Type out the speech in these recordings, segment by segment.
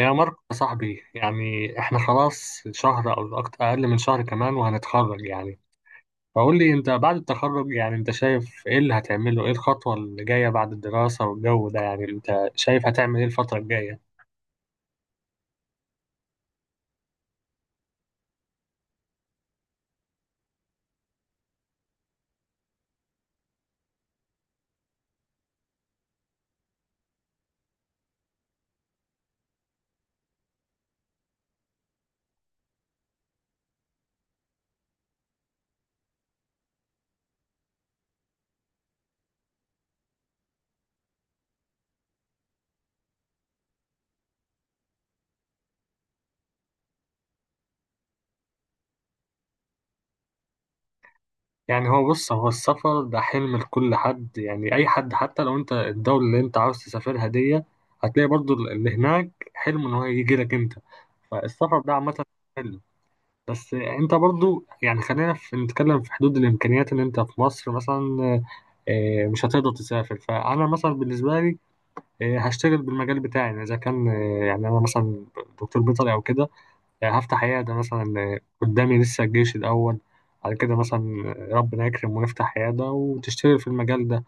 يا ماركو يا صاحبي، يعني احنا خلاص شهر او اكتر، اقل من شهر كمان وهنتخرج. يعني فقول لي انت بعد التخرج، يعني انت شايف ايه اللي هتعمله؟ ايه الخطوة اللي جاية بعد الدراسة والجو ده؟ يعني انت شايف هتعمل ايه الفترة الجاية؟ يعني هو، بص، هو السفر ده حلم لكل حد، يعني اي حد، حتى لو انت الدولة اللي انت عاوز تسافرها دي هتلاقي برضو اللي هناك حلم ان هو يجي لك انت. فالسفر ده عامة حلم. بس انت برضو يعني خلينا في نتكلم في حدود الامكانيات اللي انت في مصر مثلا. مش هتقدر تسافر. فانا مثلا بالنسبه لي هشتغل بالمجال بتاعي، يعني اذا كان، يعني انا مثلا دكتور بيطري او كده، هفتح عياده مثلا. قدامي لسه الجيش الاول على كده مثلا. ربنا يكرم ونفتح عياده وتشتغل في المجال ده.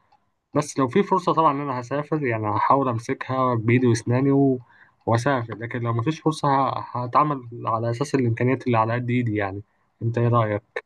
بس لو في فرصة طبعا إن أنا هسافر، يعني هحاول أمسكها بإيدي وأسناني و... وأسافر. لكن لو مفيش فرصة هتعامل على أساس الإمكانيات اللي على قد إيدي، يعني أنت إيه رأيك؟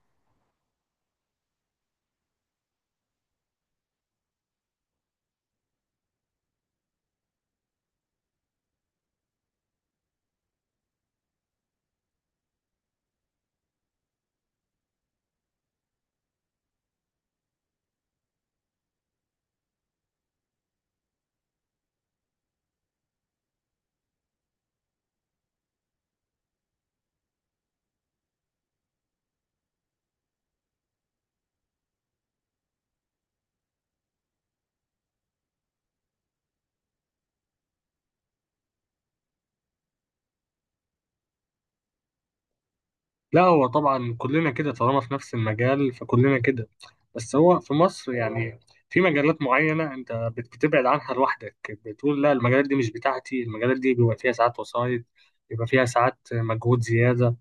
لا هو طبعا كلنا كده، طالما في نفس المجال فكلنا كده. بس هو في مصر يعني في مجالات معينة أنت بتبعد عنها لوحدك، بتقول لا المجالات دي مش بتاعتي. المجالات دي بيبقى فيها ساعات وسايط، بيبقى فيها ساعات مجهود زيادة.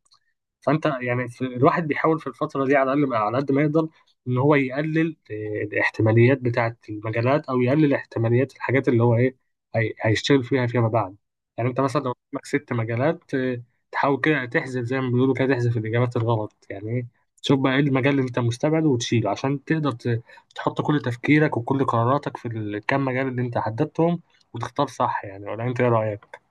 فانت يعني في الواحد بيحاول في الفتره دي على الاقل على قد ما يقدر ان هو يقلل الاحتماليات بتاعه المجالات، او يقلل احتماليات الحاجات اللي هو ايه هيشتغل فيها فيما بعد. يعني انت مثلا لو قدامك 6 مجالات، تحاول كده تحذف زي ما بيقولوا، كده تحذف الاجابات الغلط، يعني ايه، تشوف بقى ايه المجال اللي انت مستبعده وتشيله عشان تقدر تحط كل تفكيرك وكل قراراتك في الكام مجال اللي انت حددتهم وتختار صح، يعني ولا انت ايه رايك؟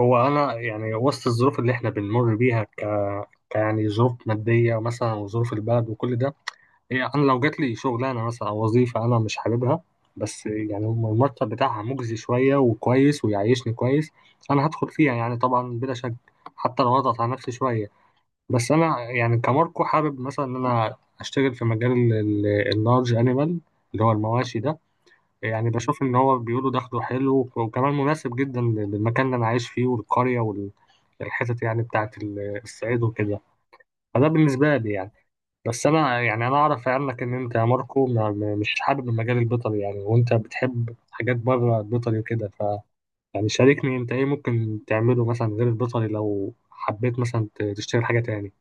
هو انا يعني وسط الظروف اللي احنا بنمر بيها، ك... ك يعني ظروف ماديه مثلا، وظروف البلد وكل ده، إيه، انا لو جات لي شغلانه مثلا او وظيفه انا مش حاببها، بس يعني المرتب بتاعها مجزي شويه وكويس ويعيشني كويس، انا هدخل فيها يعني، طبعا بلا شك، حتى لو اضغط على نفسي شويه. بس انا يعني كماركو حابب مثلا ان انا اشتغل في مجال اللارج انيمال، اللي هو المواشي ده. يعني بشوف إن هو بيقولوا دخله حلو وكمان مناسب جدا للمكان اللي أنا عايش فيه والقرية والحتت، يعني بتاعة الصعيد وكده. فده بالنسبة لي يعني. بس أنا يعني أنا أعرف عنك إن أنت يا ماركو مش حابب المجال البيطري يعني، وأنت بتحب حاجات بره البيطري وكده، ف يعني شاركني أنت إيه ممكن تعمله مثلا غير البيطري لو حبيت مثلا تشتغل حاجة تاني؟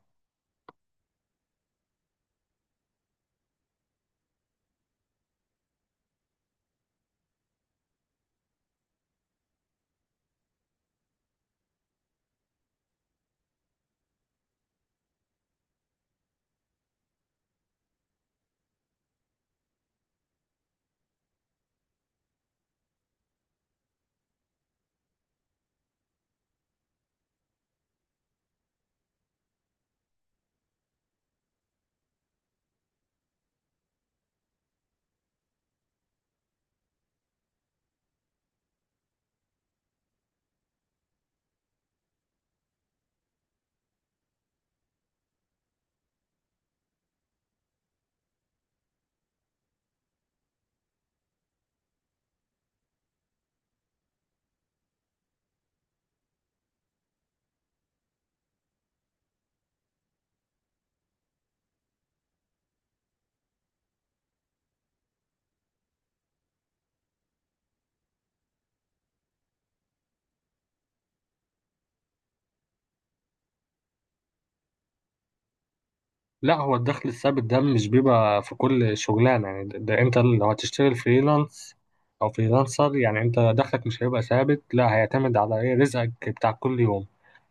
لا هو الدخل الثابت ده مش بيبقى في كل شغلانة يعني. ده انت لو هتشتغل فريلانس او فريلانسر يعني انت دخلك مش هيبقى ثابت، لا هيعتمد على ايه، رزقك بتاع كل يوم.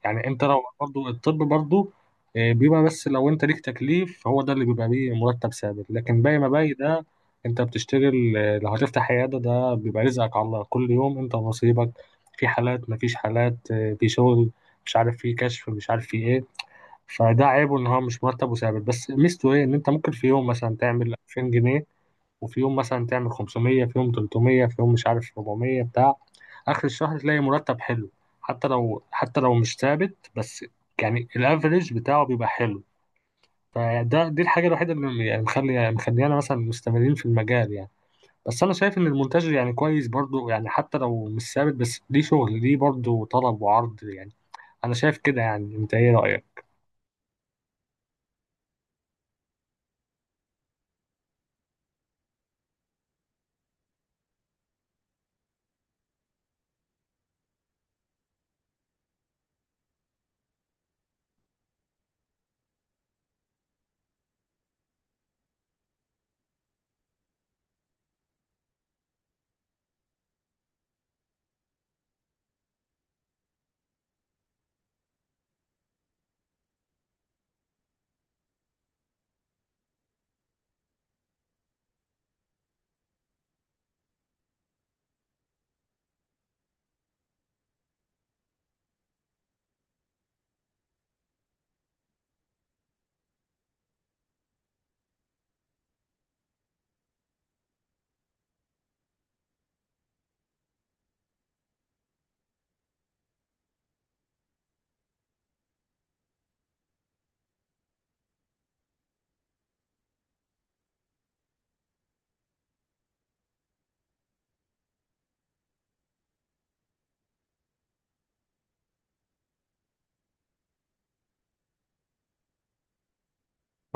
يعني انت لو برضو الطب برضو، بيبقى بس لو انت ليك تكليف هو ده اللي بيبقى ليه مرتب ثابت، لكن باقي ما باقي ده انت بتشتغل. لو هتفتح عيادة ده بيبقى رزقك على الله كل يوم، انت ونصيبك. في حالات مفيش حالات، في شغل مش عارف، في كشف مش عارف في ايه. فده عيبه ان هو مش مرتب وثابت، بس ميزته ايه، ان انت ممكن في يوم مثلا تعمل 2000 جنيه، وفي يوم مثلا تعمل 500، في يوم 300، في يوم مش عارف 400. بتاع اخر الشهر تلاقي مرتب حلو، حتى لو حتى لو مش ثابت، بس يعني الافريج بتاعه بيبقى حلو. فده دي الحاجه الوحيده اللي يعني مخليانا مثلا مستمرين في المجال يعني. بس انا شايف ان المونتاج يعني كويس برضو، يعني حتى لو مش ثابت بس ليه شغل، ليه برضو طلب وعرض يعني. انا شايف كده يعني، انت ايه رايك؟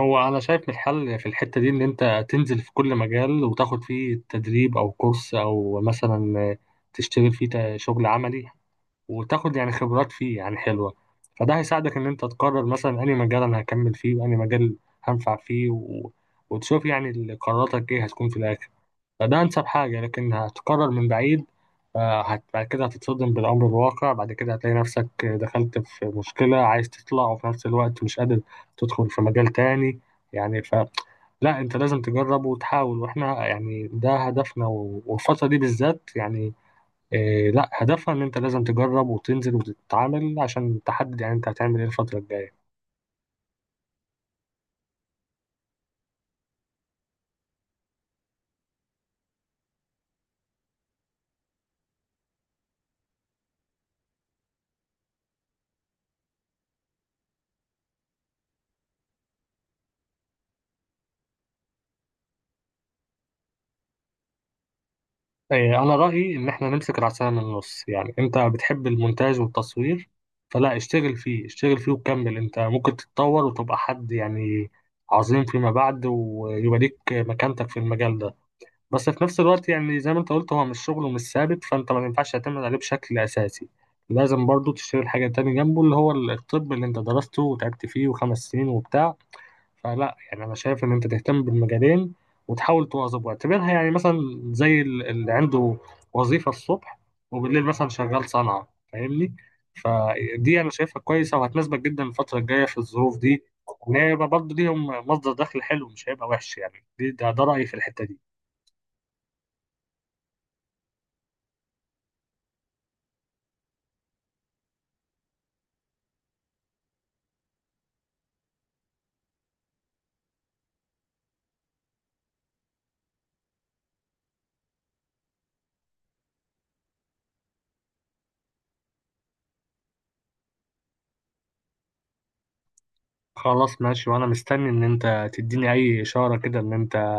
هو انا شايف الحل في الحته دي ان انت تنزل في كل مجال وتاخد فيه تدريب او كورس، او مثلا تشتغل فيه شغل عملي وتاخد يعني خبرات فيه يعني حلوه. فده هيساعدك ان انت تقرر مثلا انهي مجال انا هكمل فيه وانهي مجال هنفع فيه و... وتشوف يعني قراراتك ايه هتكون في الاخر. فده أنسب حاجة. لكن هتقرر من بعيد، بعد كده هتتصدم بالأمر الواقع، بعد كده هتلاقي نفسك دخلت في مشكلة عايز تطلع وفي نفس الوقت مش قادر تدخل في مجال تاني يعني. ف لا أنت لازم تجرب وتحاول، وإحنا يعني ده هدفنا، و- والفترة دي بالذات يعني لا هدفها إن أنت لازم تجرب وتنزل وتتعامل عشان تحدد يعني أنت هتعمل إيه الفترة الجاية. إيه، أنا رأيي إن إحنا نمسك العصاية من النص. يعني أنت بتحب المونتاج والتصوير، فلا اشتغل فيه اشتغل فيه وكمل. أنت ممكن تتطور وتبقى حد يعني عظيم فيما بعد ويبقى ليك مكانتك في المجال ده. بس في نفس الوقت يعني زي ما أنت قلت هو مش شغله مش ثابت، فأنت ما ينفعش تعتمد عليه بشكل أساسي. لازم برضو تشتغل حاجة تاني جنبه، اللي هو الطب اللي أنت درسته وتعبت فيه وخمس سنين وبتاع. فلا يعني انا شايف ان انت تهتم بالمجالين وتحاول تواظب، واعتبرها يعني مثلا زي اللي عنده وظيفة الصبح وبالليل مثلا شغال صنعة، فاهمني؟ فدي انا شايفها كويسة وهتناسبك جدا الفترة الجاية في الظروف دي. وان هي يبقى برضه ليهم مصدر دخل حلو، مش هيبقى وحش يعني. دي ده رأيي في الحتة دي. خلاص ماشي، وانا مستني ان انت تديني اي اشارة كده ان انت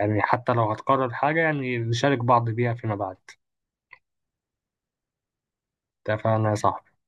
يعني حتى لو هتقرر حاجة يعني نشارك بعض بيها فيما بعد. اتفقنا يا صاحبي.